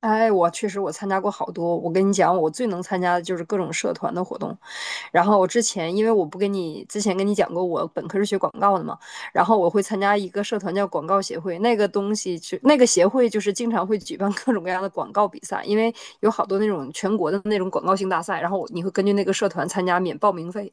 哎，我确实参加过好多。我跟你讲，我最能参加的就是各种社团的活动。然后我之前，因为我不跟你之前跟你讲过，我本科是学广告的嘛，然后我会参加一个社团叫广告协会，那个东西就那个协会就是经常会举办各种各样的广告比赛，因为有好多那种全国的那种广告性大赛，然后你会根据那个社团参加免报名费。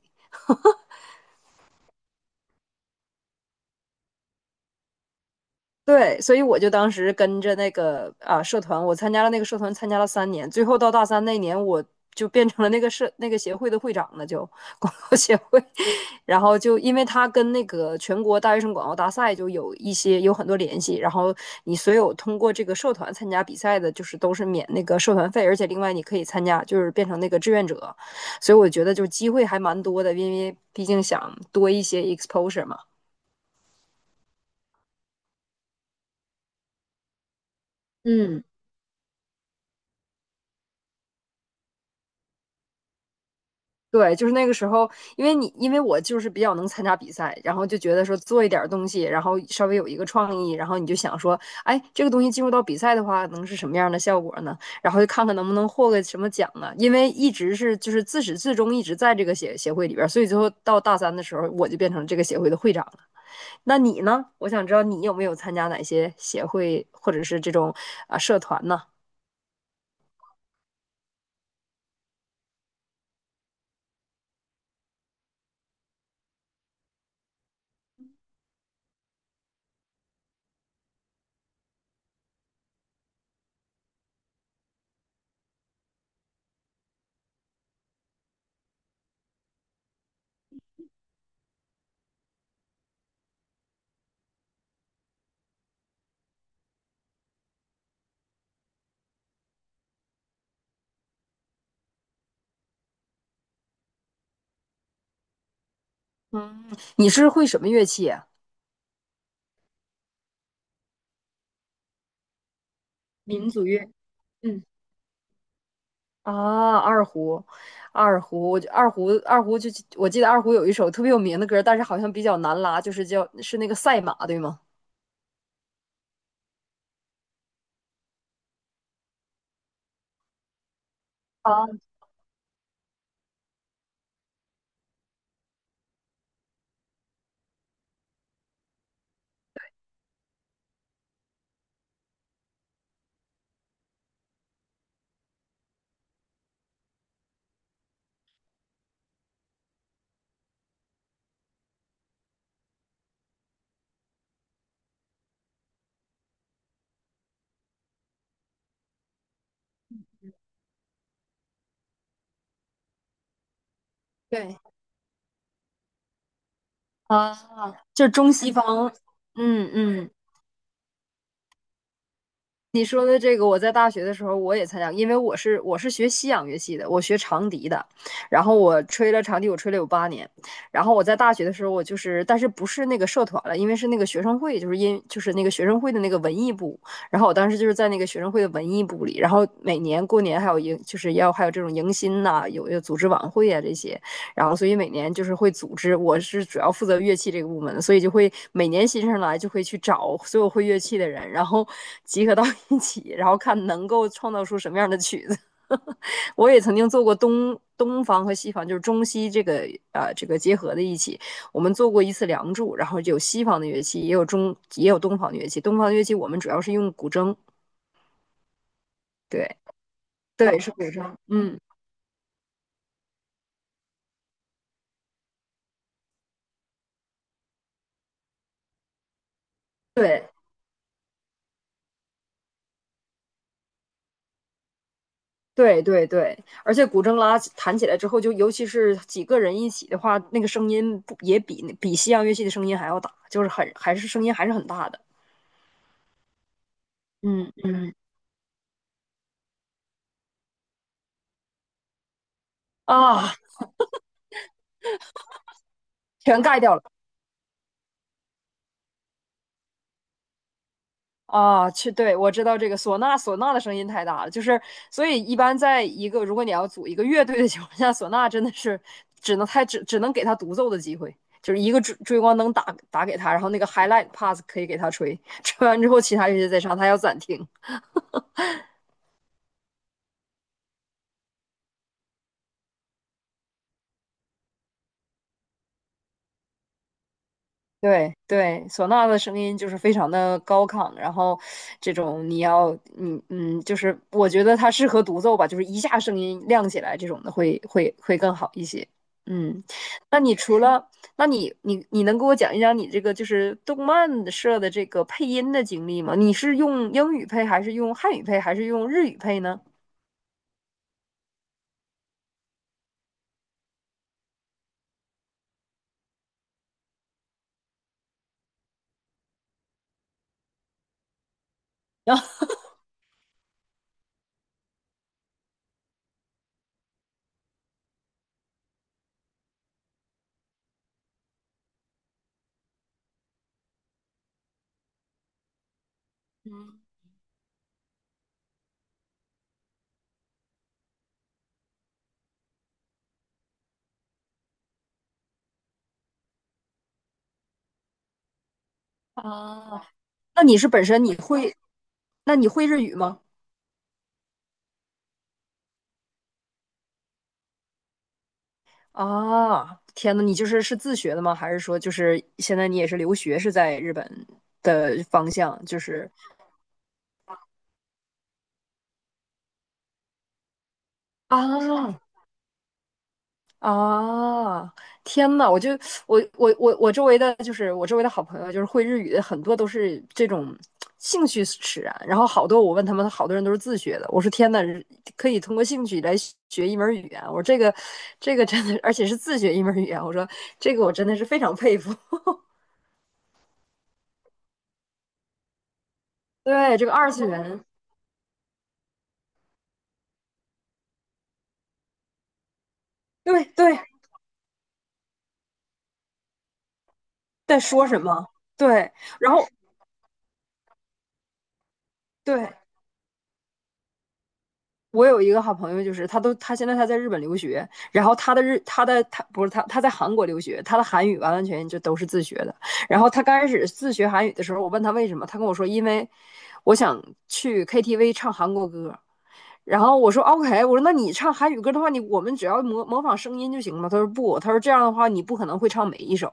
对，所以我就当时跟着那个社团，我参加了那个社团，参加了3年，最后到大三那年，我就变成了那个社那个协会的会长了，就广告协会。然后就因为他跟那个全国大学生广告大赛就有一些有很多联系，然后你所有通过这个社团参加比赛的，就是都是免那个社团费，而且另外你可以参加，就是变成那个志愿者。所以我觉得就是机会还蛮多的，因为毕竟想多一些 exposure 嘛。嗯。对，就是那个时候，因为我就是比较能参加比赛，然后就觉得说做一点儿东西，然后稍微有一个创意，然后你就想说，哎，这个东西进入到比赛的话，能是什么样的效果呢？然后就看看能不能获个什么奖呢？因为一直是就是自始至终一直在这个协会里边儿，所以最后到大三的时候，我就变成这个协会的会长了。那你呢？我想知道你有没有参加哪些协会或者是这种社团呢？嗯，你是会什么乐器啊？民族乐。嗯。啊，二胡，二胡，我就二胡，二胡就我记得二胡有一首特别有名的歌，但是好像比较难拉，就是是那个赛马，对吗？啊，对啊，就是中西方。嗯嗯，你说的这个，我在大学的时候我也参加过，因为我是学西洋乐器的，我学长笛的，然后我吹了长笛，我吹了有8年，然后我在大学的时候，我就是，但是不是那个社团了，因为是那个学生会，就是那个学生会的那个文艺部，然后我当时就是在那个学生会的文艺部里，然后每年过年还有就是要还有这种迎新呐、有组织晚会啊这些，然后所以每年就是会组织，我是主要负责乐器这个部门的，所以就会每年新生来就会去找所有会乐器的人，然后 集合到一起，然后看能够创造出什么样的曲子。我也曾经做过东方和西方，就是中西这个这个结合的一起，我们做过一次《梁祝》，然后有西方的乐器，也有东方的乐器。东方的乐器我们主要是用古筝，对对是古筝，嗯对。对对对，而且古筝弹起来之后，就尤其是几个人一起的话，那个声音不也比西洋乐器的声音还要大，就是还是声音还是很大的。嗯嗯。啊，全盖掉了啊！去，对我知道这个唢呐，唢呐的声音太大了，就是所以一般在一个如果你要组一个乐队的情况下，唢呐真的是只能给他独奏的机会，就是一个追光灯打给他，然后那个 highlight pass 可以给他吹，吹完之后其他乐器再上，他要暂停。对对，唢呐的声音就是非常的高亢，然后这种你要，你嗯，就是我觉得它适合独奏吧，就是一下声音亮起来这种的会更好一些。嗯，那你除了，那你能给我讲一讲你这个就是动漫社的这个配音的经历吗？你是用英语配，还是用汉语配，还是用日语配呢？嗯啊，那你是本身你会，那你会日语吗？啊，天呐，你就是自学的吗？还是说就是现在你也是留学是在日本的方向？就是啊啊，天呐，我就我我我我周围的就是我周围的好朋友，就是会日语的很多都是这种兴趣使然，然后好多我问他们，好多人都是自学的。我说天呐，可以通过兴趣来学一门语言，我说这个真的，而且是自学一门语言，我说这个我真的是非常佩服。对，这个二次元。对对，在说什么。对，然后对，我有一个好朋友，就是他现在在日本留学，然后他的日他的他不是他他在韩国留学，他的韩语完完全全就都是自学的。然后他刚开始自学韩语的时候，我问他为什么，他跟我说因为我想去 KTV 唱韩国歌，然后我说 OK，我说那你唱韩语歌的话，我们只要模仿声音就行了吗？他说不，他说这样的话你不可能会唱每一首，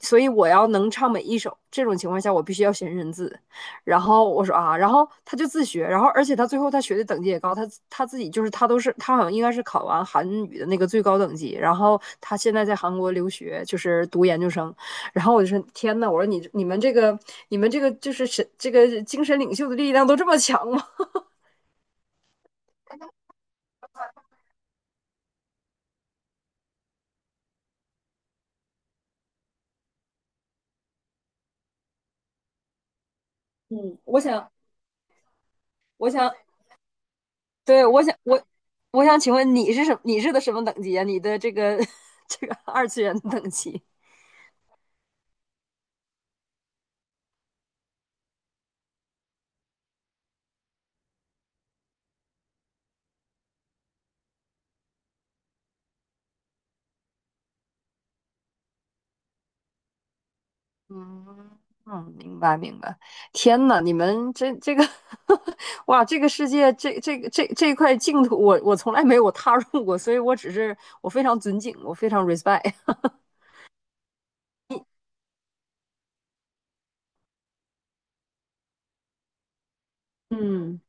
所以我要能唱每一首。这种情况下，我必须要学认字。然后我说啊，然后他就自学，然后而且他最后他学的等级也高，他他自己就是他都是他好像应该是考完韩语的那个最高等级，然后他现在在韩国留学，就是读研究生。然后我就说天呐，我说你们这个就是这个精神领袖的力量都这么强吗？嗯，我想我想，对，我想请问你是什么等级啊？你的这个 这个二次元的等级？嗯嗯，明白明白。天呐，你们这个，哇，这个世界这这块净土，我从来没有踏入过，所以我只是我非常尊敬，我非常 respect。嗯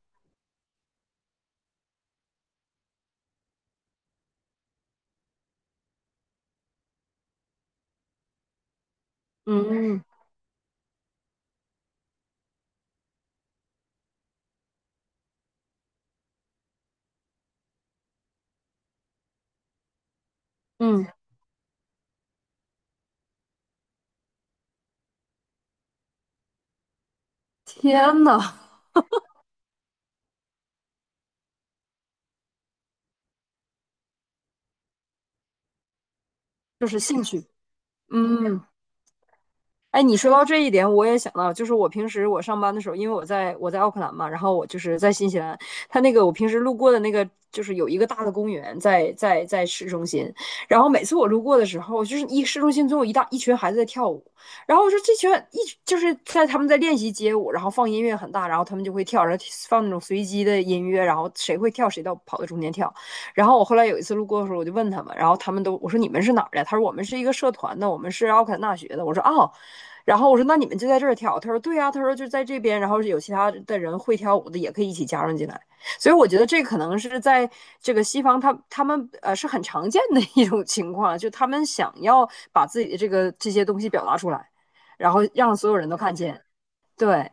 嗯嗯，天呐，就是兴趣。嗯。哎，你说到这一点，我也想到，就是我平时我上班的时候，因为我在奥克兰嘛，然后我就是在新西兰，它那个我平时路过的那个，就是有一个大的公园在市中心，然后每次我路过的时候，就是市中心总有一大一群孩子在跳舞，然后我说这群一就是在他们在练习街舞，然后放音乐很大，然后他们就会跳，然后放那种随机的音乐，然后谁会跳谁跑到中间跳，然后我后来有一次路过的时候，我就问他们，然后他们都我说你们是哪儿的？他说我们是一个社团的，我们是奥克兰大学的。我说哦。然后我说那你们就在这儿跳，他说对呀、他说就在这边，然后有其他的人会跳舞的也可以一起加入进来，所以我觉得这可能是在这个西方他们是很常见的一种情况，就他们想要把自己的这些东西表达出来，然后让所有人都看见，对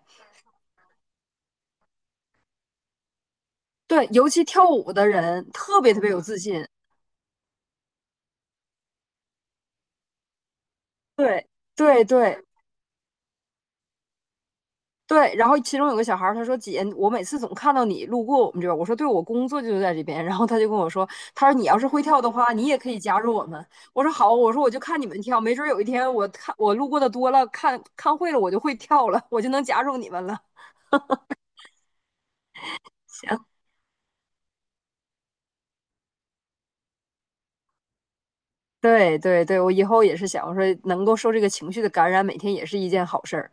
对，尤其跳舞的人特别特别有自信，对对对，对，然后其中有个小孩儿，他说：“姐，我每次总看到你路过我们这边儿。”我说：“对，我工作就在这边。”然后他就跟我说：“他说你要是会跳的话，你也可以加入我们。”我说：“好。”我说：“我就看你们跳，没准儿有一天我看我路过的多了，看看会了，我就会跳了，我就能加入你们了。”行，对对对，我以后也是想，我说能够受这个情绪的感染，每天也是一件好事儿。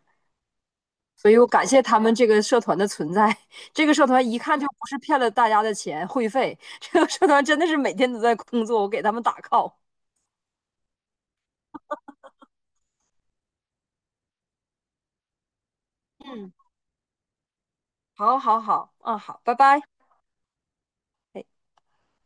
所以我感谢他们这个社团的存在。这个社团一看就不是骗了大家的钱会费，这个社团真的是每天都在工作，我给他们打 call。好，好，好，嗯，好，拜拜。哎。